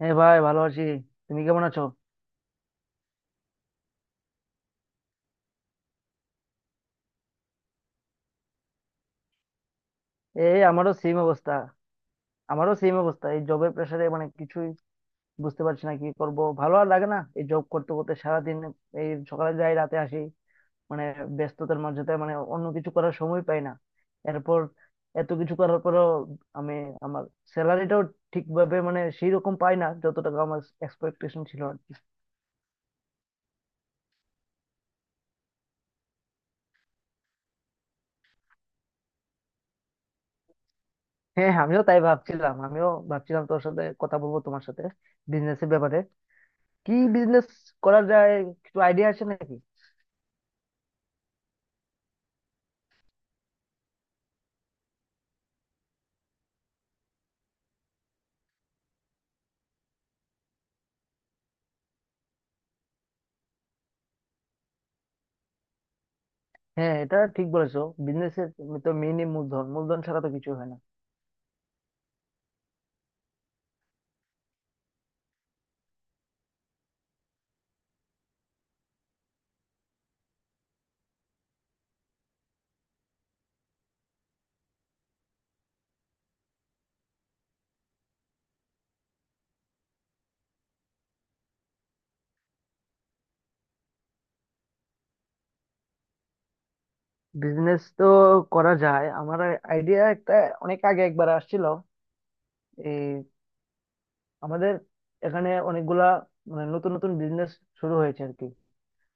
হ্যাঁ ভাই, ভালো আছি। তুমি কেমন আছো? এই, আমারও সেম অবস্থা। এই জবের প্রেশারে মানে কিছুই বুঝতে পারছি না কি করব। ভালো আর লাগে না এই জব করতে করতে সারাদিন। এই সকালে যাই রাতে আসি, মানে ব্যস্ততার মাঝে তো মানে অন্য কিছু করার সময় পাই না। এরপর এত কিছু করার পরেও আমি আমার স্যালারিটাও ঠিকভাবে মানে সেই রকম পাই না, যত টাকা আমার এক্সপেকটেশন ছিল আর কি। হ্যাঁ, আমিও তাই ভাবছিলাম। আমিও ভাবছিলাম তোর সাথে কথা বলবো, তোমার সাথে বিজনেসের ব্যাপারে। কি বিজনেস করা যায়? কিছু আইডিয়া আছে নাকি? হ্যাঁ, এটা ঠিক বলেছো। বিজনেসের তো মেইনই মূলধন। মূলধন ছাড়া তো কিছু হয় না। বিজনেস তো করা যায়। আমার আইডিয়া একটা অনেক আগে একবার আসছিল। এই আমাদের এখানে অনেকগুলা মানে নতুন নতুন বিজনেস শুরু হয়েছে আর কি।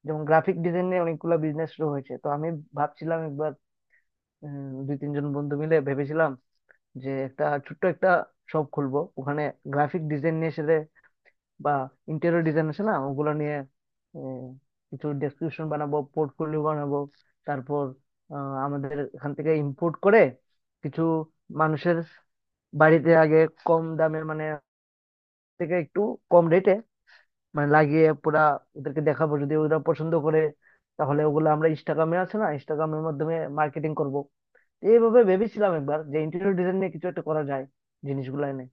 যেমন গ্রাফিক ডিজাইন নিয়ে অনেকগুলা বিজনেস শুরু হয়েছে, তো আমি ভাবছিলাম একবার, দুই তিনজন বন্ধু মিলে ভেবেছিলাম যে একটা ছোট্ট একটা শপ খুলবো, ওখানে গ্রাফিক ডিজাইন নিয়ে বা ইন্টেরিয়র ডিজাইন আছে না, ওগুলো নিয়ে আহ, কিছু ডেসক্রিপশন বানাবো, পোর্টফোলিও বানাবো। তারপর আহ, আমাদের এখান থেকে ইম্পোর্ট করে কিছু মানুষের বাড়িতে আগে কম দামে, মানে থেকে একটু কম রেটে মানে লাগিয়ে পুরা ওদেরকে দেখাবো। যদি ওরা পছন্দ করে, তাহলে ওগুলো আমরা ইনস্টাগ্রামে আছে না, ইনস্টাগ্রামের মাধ্যমে মার্কেটিং করব। এইভাবে ভেবেছিলাম একবার যে ইন্টেরিয়র ডিজাইন নিয়ে কিছু একটা করা যায়, জিনিসগুলো এনে।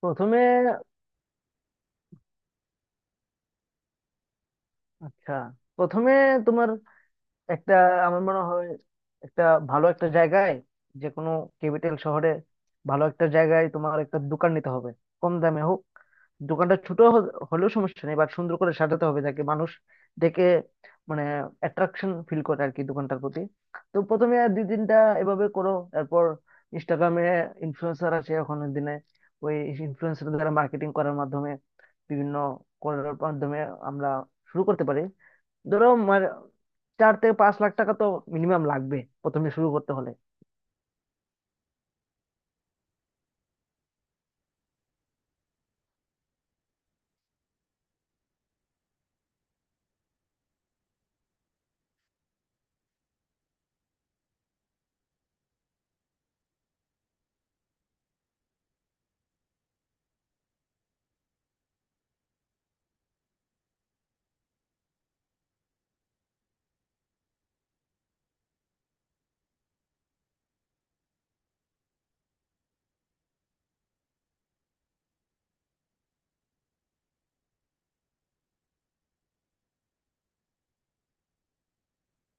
প্রথমে। আচ্ছা, প্রথমে তোমার একটা, আমার মনে হয় একটা ভালো একটা জায়গায়, যে কোনো ক্যাপিটাল শহরে ভালো একটা জায়গায় তোমার একটা দোকান নিতে হবে। কম দামে হোক, দোকানটা ছোট হলেও সমস্যা নেই, বাট সুন্দর করে সাজাতে হবে যাতে মানুষ দেখে মানে অ্যাট্রাকশন ফিল করে আর কি দোকানটার প্রতি। তো প্রথমে আর দুই তিনটা এভাবে করো, তারপর ইনস্টাগ্রামে ইনফ্লুয়েন্সার আছে এখনের দিনে, ওই ইনফ্লুয়েন্সার দ্বারা মার্কেটিং করার মাধ্যমে, বিভিন্ন করার মাধ্যমে আমরা শুরু করতে পারি। ধরো মানে 4 থেকে 5 লাখ টাকা তো মিনিমাম লাগবে প্রথমে শুরু করতে হলে।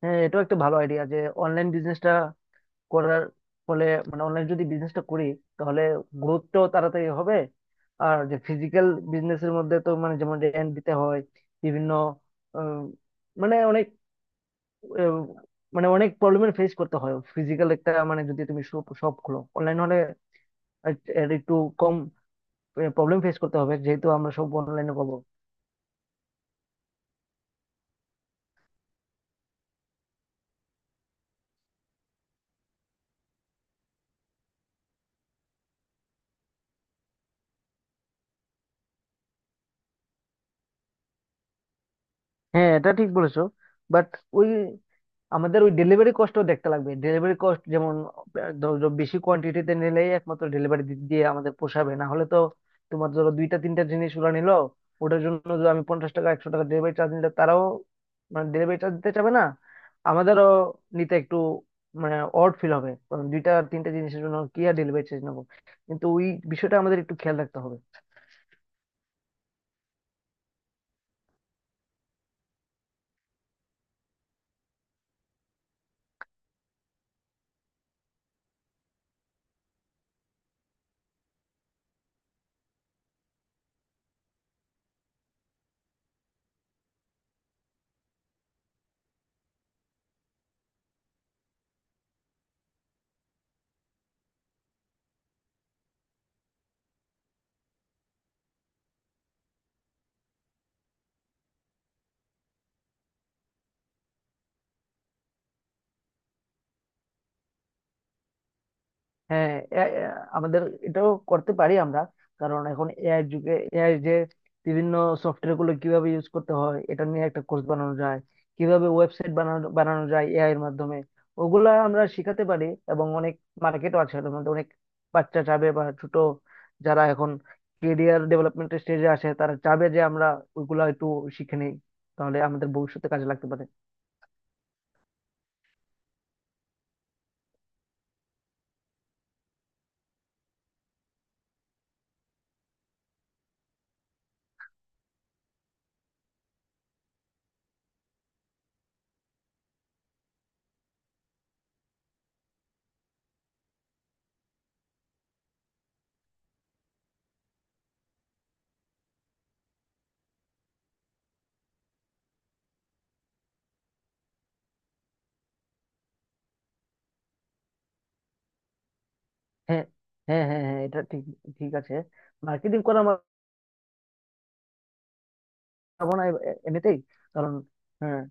হ্যাঁ, এটাও একটা ভালো আইডিয়া যে অনলাইন বিজনেসটা করার ফলে, মানে অনলাইন যদি বিজনেসটা করি, তাহলে গ্রোথটাও তাড়াতাড়ি হবে। আর যে ফিজিক্যাল বিজনেসের মধ্যে তো মানে যেমন রেন্ট দিতে হয় বিভিন্ন, উম, মানে অনেক উম, মানে অনেক প্রবলেমের ফেস করতে হয় ফিজিক্যাল একটা, মানে যদি তুমি সব খোলো। অনলাইন হলে এর- এর একটু কম প্রবলেম ফেস করতে হবে, যেহেতু আমরা সব অনলাইনে করবো। হ্যাঁ, এটা ঠিক বলেছো। বাট ওই, আমাদের ওই ডেলিভারি কস্ট দেখতে লাগবে। ডেলিভারি কস্ট যেমন, ধরো বেশি কোয়ান্টিটিতে নিলেই একমাত্র ডেলিভারি দিয়ে আমাদের পোষাবে, না হলে তো তোমার ধরো দুইটা তিনটা জিনিস ওরা নিলো, ওটার জন্য যদি আমি 50 টাকা 100 টাকা ডেলিভারি চার্জ নিলে তারাও মানে ডেলিভারি চার্জ দিতে চাবে না, আমাদেরও নিতে একটু মানে অড ফিল হবে, কারণ দুইটা তিনটা জিনিসের জন্য কি আর ডেলিভারি চার্জ নেবো। কিন্তু ওই বিষয়টা আমাদের একটু খেয়াল রাখতে হবে। হ্যাঁ, এ- এ- আমাদের এটাও করতে পারি আমরা। কারণ এখন এআই যুগে, এআই যে বিভিন্ন সফটওয়্যার গুলো কিভাবে ইউজ করতে হয়, এটা নিয়ে একটা কোর্স বানানো যায়। কিভাবে ওয়েবসাইট বানানো বানানো যায় এআই এর মাধ্যমে, ওগুলা আমরা শিখাতে পারি। এবং অনেক মার্কেটও আছে এটার মধ্যে। অনেক বাচ্চা চাবে বা ছোট, যারা এখন কেরিয়ার ডেভেলপমেন্টের স্টেজে আসে, তারা চাবে যে আমরা ওইগুলা একটু শিখে নেই, তাহলে আমাদের ভবিষ্যতে কাজে লাগতে পারে। হ্যাঁ, হ্যাঁ, হ্যাঁ, হ্যাঁ, এটা ঠিক। ঠিক আছে। মার্কেটিং করা পারবো না এমনিতেই, কারণ হ্যাঁ।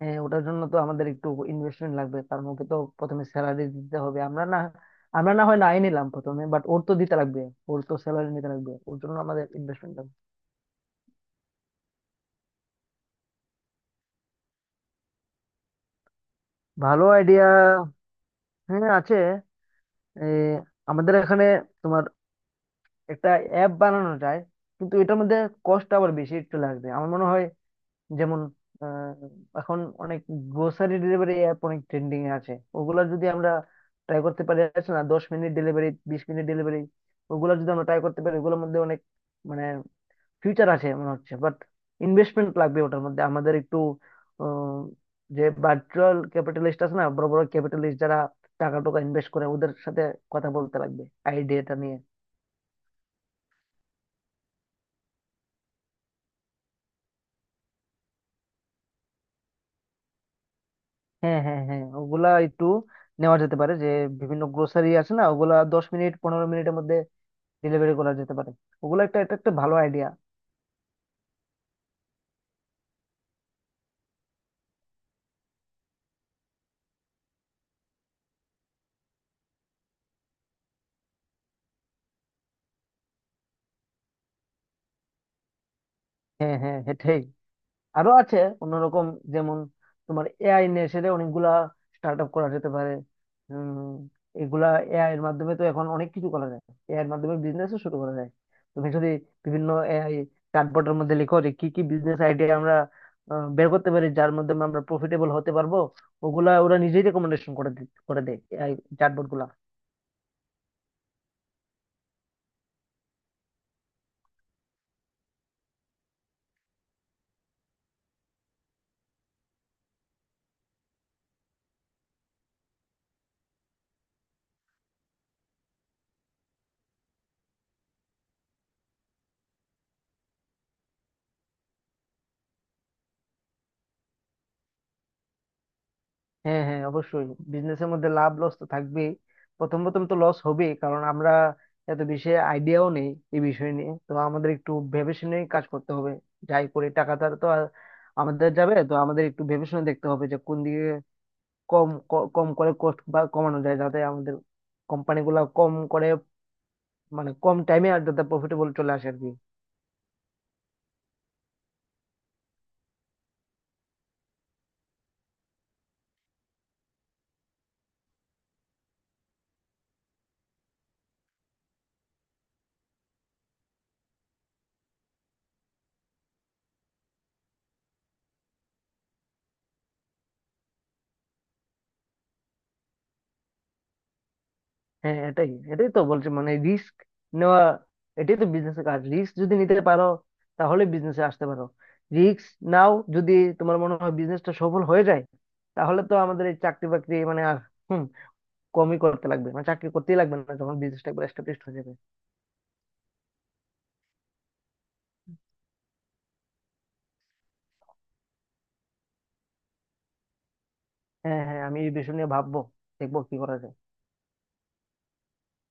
হ্যাঁ, ওটার জন্য তো আমাদের একটু ইনভেস্টমেন্ট লাগবে, কারণ ওকে তো প্রথমে স্যালারি দিতে হবে। আমরা না হয় নাই নিলাম প্রথমে, বাট ওর তো দিতে লাগবে। ওর তো স্যালারি নিতে লাগবে, ওর জন্য আমাদের ইনভেস্টমেন্ট লাগবে। ভালো আইডিয়া? হ্যাঁ, আছে। এ, আমাদের এখানে তোমার একটা অ্যাপ বানানো যায়, কিন্তু এটার মধ্যে কষ্ট আবার বেশি একটু লাগবে আমার মনে হয়। যেমন এখন অনেক গ্রোসারি ডেলিভারি অ্যাপ অনেক ট্রেন্ডিং এ আছে। ওগুলা যদি আমরা ট্রাই করতে পারি, আছে না, 10 মিনিট ডেলিভারি, 20 মিনিট ডেলিভারি, ওগুলা যদি আমরা ট্রাই করতে পারি, ওগুলোর মধ্যে অনেক মানে ফিউচার আছে মনে হচ্ছে। বাট ইনভেস্টমেন্ট লাগবে ওটার মধ্যে আমাদের একটু। আহ, যে ভার্চুয়াল ক্যাপিটালিস্ট আছে না, বড় বড় ক্যাপিটালিস্ট যারা টাকা টাকা ইনভেস্ট করে, ওদের সাথে কথা বলতে লাগবে আইডিয়াটা নিয়ে। হ্যাঁ, হ্যাঁ, হ্যাঁ, ওগুলা একটু নেওয়া যেতে পারে, যে বিভিন্ন গ্রোসারি আছে না, ওগুলা 10 মিনিট 15 মিনিটের মধ্যে ডেলিভারি করা যেতে পারে। ওগুলো একটা, এটা একটা ভালো আইডিয়া। হ্যাঁ, হ্যাঁ, সেটাই। আরো আছে অন্যরকম। যেমন তোমার এআই নিয়ে এসে অনেকগুলা স্টার্ট আপ করা যেতে পারে। উম এগুলা এআই এর মাধ্যমে তো এখন অনেক কিছু করা যায়, এআই এর মাধ্যমে বিজনেসও শুরু করা যায়। তুমি যদি বিভিন্ন এআই চ্যাটবটের মধ্যে লিখো যে কি কি বিজনেস আইডিয়া আমরা বের করতে পারি, যার মাধ্যমে আমরা প্রফিটেবল হতে পারবো, ওগুলা ওরা নিজেই রেকমেন্ডেশন করে দেয়, এআই চ্যাটবট। হ্যাঁ, হ্যাঁ, অবশ্যই। বিজনেসের মধ্যে লাভ লস তো থাকবেই। প্রথম প্রথম তো লস হবেই, কারণ আমরা এত বেশি আইডিয়াও নেই। এই বিষয় নিয়ে তো আমাদের একটু ভেবে শুনে কাজ করতে হবে। যাই করে টাকাটা তো আর আমাদের যাবে, তো আমাদের একটু ভেবে শুনে দেখতে হবে যে কোন দিকে কম কম করে কষ্ট বা কমানো যায়, যাতে আমাদের কোম্পানিগুলো কম করে, মানে কম টাইমে আর যাতে প্রফিটেবল চলে আসে আর কি। হ্যাঁ, এটাই এটাই তো বলছি, মানে রিস্ক নেওয়া এটাই তো বিজনেসের কাজ। রিস্ক যদি নিতে পারো, তাহলে বিজনেসে আসতে পারো। রিস্ক নাও, যদি তোমার মনে হয় বিজনেসটা সফল হয়ে যায়, তাহলে তো আমাদের এই চাকরি বাকরি মানে আর, হুম, কমই করতে লাগবে, মানে চাকরি করতেই লাগবে না যখন বিজনেসটা একবার এস্টাবলিশ হয়ে যাবে। হ্যাঁ, হ্যাঁ, আমি এই বিষয় নিয়ে ভাববো, দেখবো কি করা যায়।